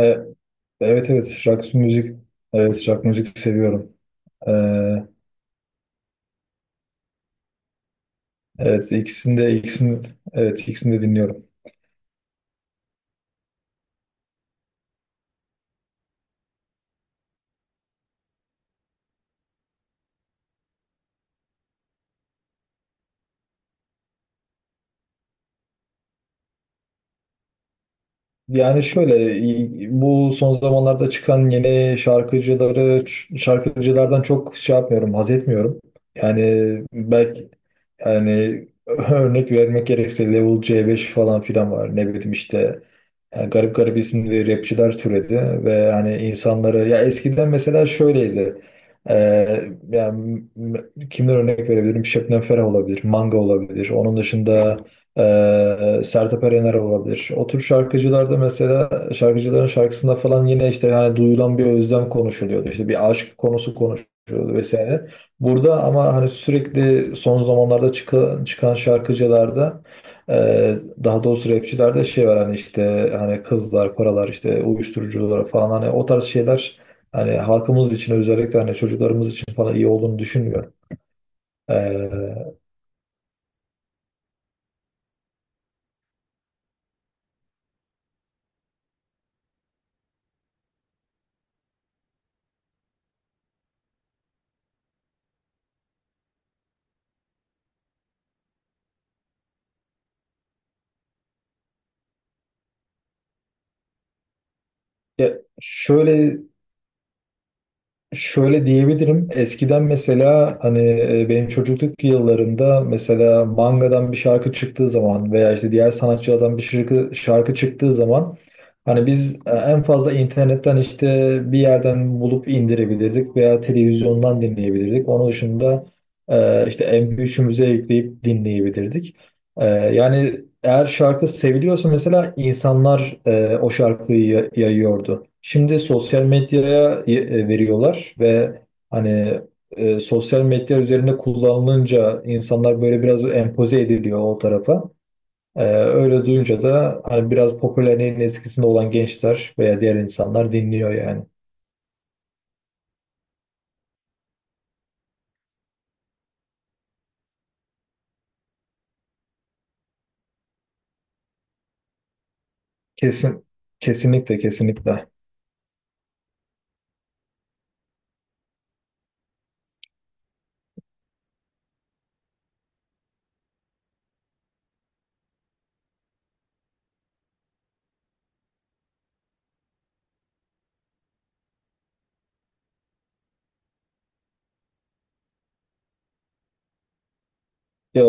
E, evet, evet, rock müzik, evet rock müzik seviyorum. E, evet, ikisini de ikisini evet, ikisini de dinliyorum. Yani şöyle, bu son zamanlarda çıkan yeni şarkıcılardan çok şey yapmıyorum, haz etmiyorum. Yani belki, yani örnek vermek gerekirse Level C5 falan filan var. Ne bileyim işte, yani garip garip isimli rapçiler türedi ve hani insanları, ya eskiden mesela şöyleydi. Yani, kimden örnek verebilirim? Şebnem Ferah olabilir, Manga olabilir. Onun dışında Sertab Erener olabilir. O tür şarkıcılarda mesela, şarkıcıların şarkısında falan yine işte, yani duyulan bir özlem konuşuluyordu. İşte bir aşk konusu konuşuluyordu vesaire. Burada ama hani, sürekli son zamanlarda çıkan şarkıcılarda, e, daha doğrusu rapçilerde şey var hani, işte hani kızlar, paralar, işte uyuşturucular falan, hani o tarz şeyler, hani halkımız için, özellikle hani çocuklarımız için falan iyi olduğunu düşünmüyorum. Ee, ya şöyle Şöyle diyebilirim. Eskiden mesela hani, benim çocukluk yıllarında, mesela mangadan bir şarkı çıktığı zaman veya işte diğer sanatçılardan bir şarkı çıktığı zaman, hani biz en fazla internetten, işte bir yerden bulup indirebilirdik veya televizyondan dinleyebilirdik. Onun dışında, işte MP3'ümüze yükleyip dinleyebilirdik. Yani eğer şarkı seviliyorsa, mesela insanlar o şarkıyı yayıyordu. Şimdi sosyal medyaya veriyorlar ve hani, sosyal medya üzerinde kullanılınca, insanlar böyle biraz empoze ediliyor o tarafa. Öyle duyunca da hani biraz popülerliğin eskisinde olan gençler veya diğer insanlar dinliyor yani. Kesin, kesinlikle, kesinlikle. Ya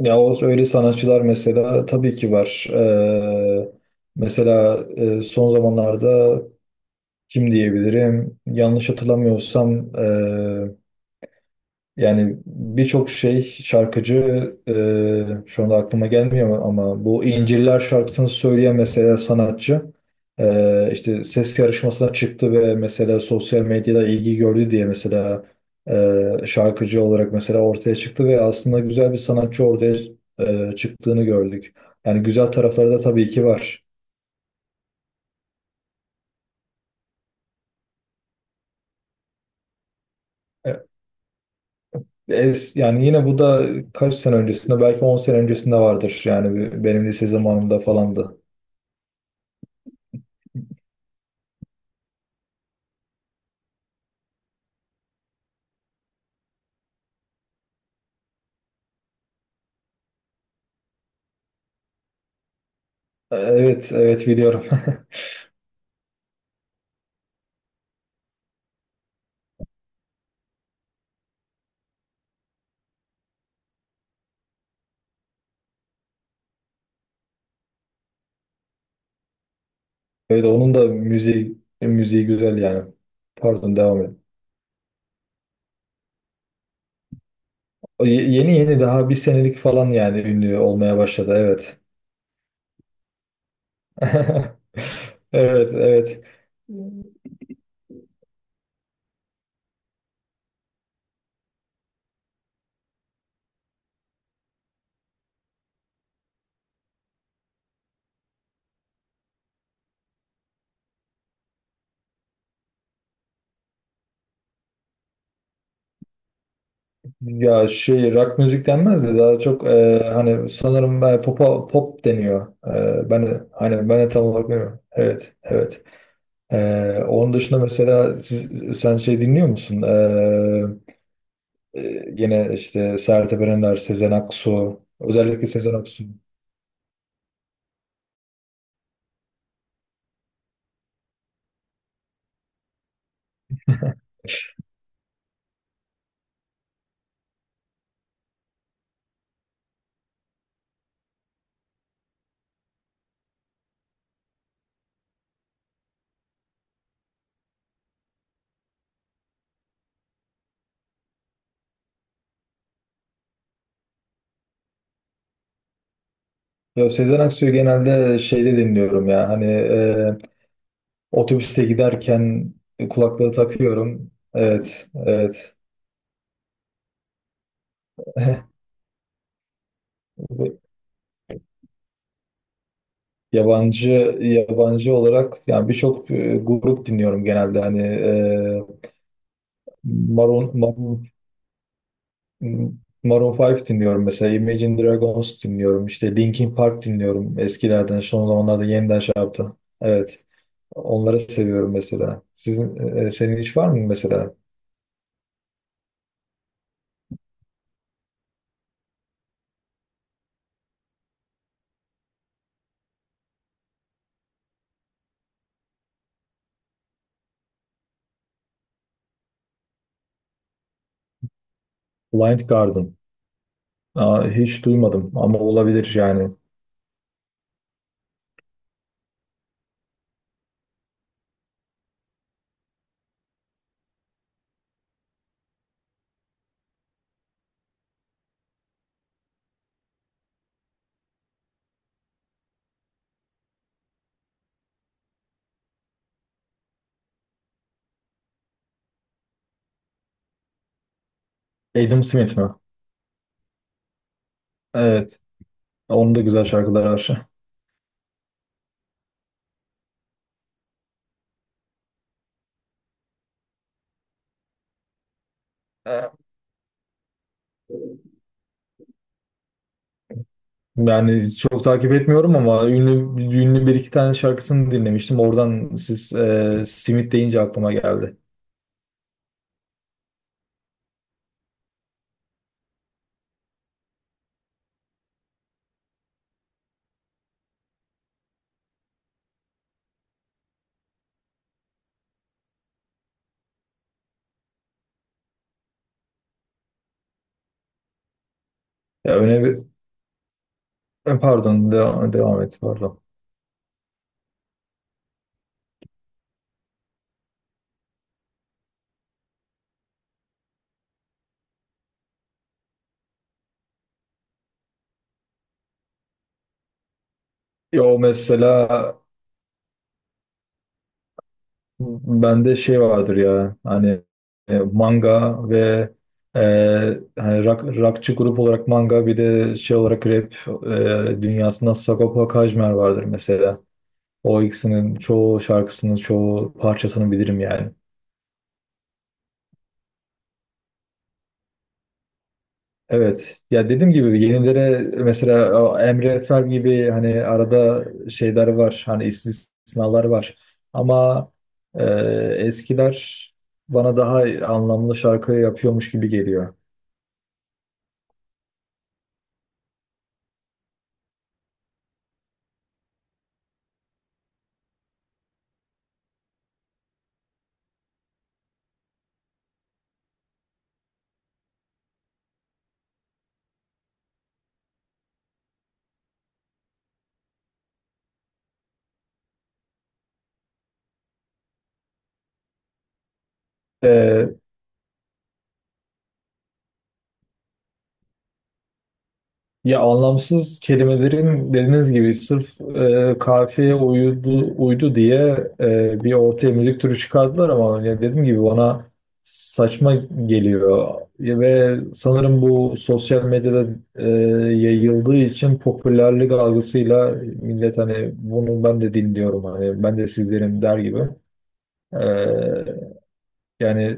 Ya o öyle sanatçılar mesela tabii ki var. Mesela son zamanlarda kim diyebilirim? Yanlış hatırlamıyorsam, yani birçok şey şarkıcı, şu anda aklıma gelmiyor ama bu İnciller şarkısını söyleyen mesela sanatçı, işte ses yarışmasına çıktı ve mesela sosyal medyada ilgi gördü diye, mesela şarkıcı olarak mesela ortaya çıktı ve aslında güzel bir sanatçı ortaya çıktığını gördük. Yani güzel tarafları da tabii ki var. Yani yine bu da, kaç sene öncesinde, belki 10 sene öncesinde vardır. Yani benim lise zamanımda falandı. Evet, evet biliyorum. Evet, onun da müziği güzel yani. Pardon, devam edin. O yeni yeni, daha bir senelik falan, yani ünlü olmaya başladı, evet. Evet, evet. Ya, şey, rock müzik denmez de daha çok, hani sanırım, pop deniyor. Ben de hani, ben de tam olarak bilmiyorum. Evet, evet. Onun dışında mesela, sen şey dinliyor musun? Gene işte Sertab Erener, Sezen Aksu, özellikle Sezen Aksu. Ya Sezen Aksu'yu genelde şeyde dinliyorum ya. Hani, otobüste giderken kulaklığı takıyorum. Evet, evet. Yabancı yabancı olarak, yani birçok grup dinliyorum genelde. Hani, Maroon, M- Maroon 5 dinliyorum mesela. Imagine Dragons dinliyorum. İşte Linkin Park dinliyorum. Eskilerden son zamanlarda yeniden şey yaptı. Evet. Onları seviyorum mesela. Senin hiç var mı mesela? Blind Garden. Aa, hiç duymadım ama olabilir yani. Adam Smith mi? Evet. Onun da güzel şarkıları var. Yani çok takip etmiyorum ama ünlü ünlü bir iki tane şarkısını dinlemiştim. Oradan siz, simit deyince aklıma geldi. Ya öne Pardon, devam et, pardon. Ya o mesela, bende şey vardır ya hani, manga ve, e, hani rockçı grup olarak manga, bir de şey olarak rap, dünyasında Sagopa Kajmer vardır mesela. O ikisinin çoğu şarkısının, çoğu parçasını bilirim yani. Evet. Ya dediğim gibi, yenilere mesela o Emre Fel gibi hani arada şeyler var. Hani istisnalar var. Ama, e, eskiler bana daha anlamlı şarkı yapıyormuş gibi geliyor. E, Ya, anlamsız kelimelerin dediğiniz gibi sırf, kafiyeye uydu diye, bir ortaya müzik türü çıkardılar ama ya, dediğim gibi bana saçma geliyor. Ya ve sanırım bu sosyal medyada e, yayıldığı için, popülerlik algısıyla millet hani, bunu ben de dinliyorum hani, ben de sizlerin der gibi. E, Yani,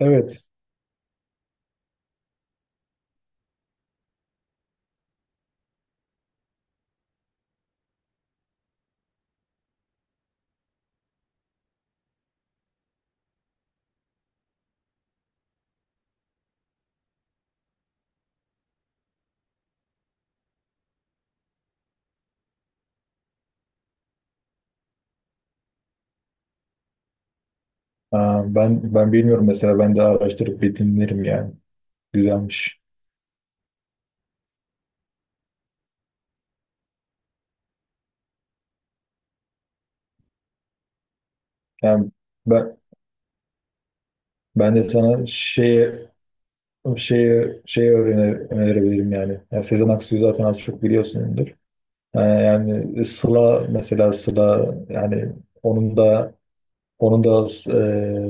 evet. Ha, ben bilmiyorum, mesela ben de araştırıp bir dinlerim yani, güzelmiş. Yani ben, Ben de sana şeye önerebilirim yani. Yani Sezen Aksu'yu zaten az çok biliyorsundur. Yani Sıla, mesela Sıla, yani onun da onun da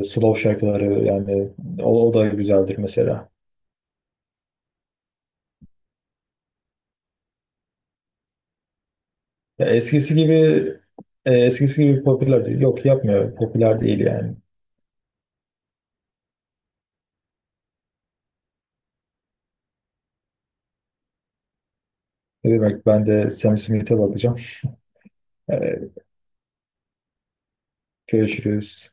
slow şarkıları yani, o da güzeldir mesela. Ya eskisi gibi popüler değil. Yok, yapmıyor. Popüler değil yani. Ne demek, ben de Sam Smith'e bakacağım. Ee, Görüşürüz.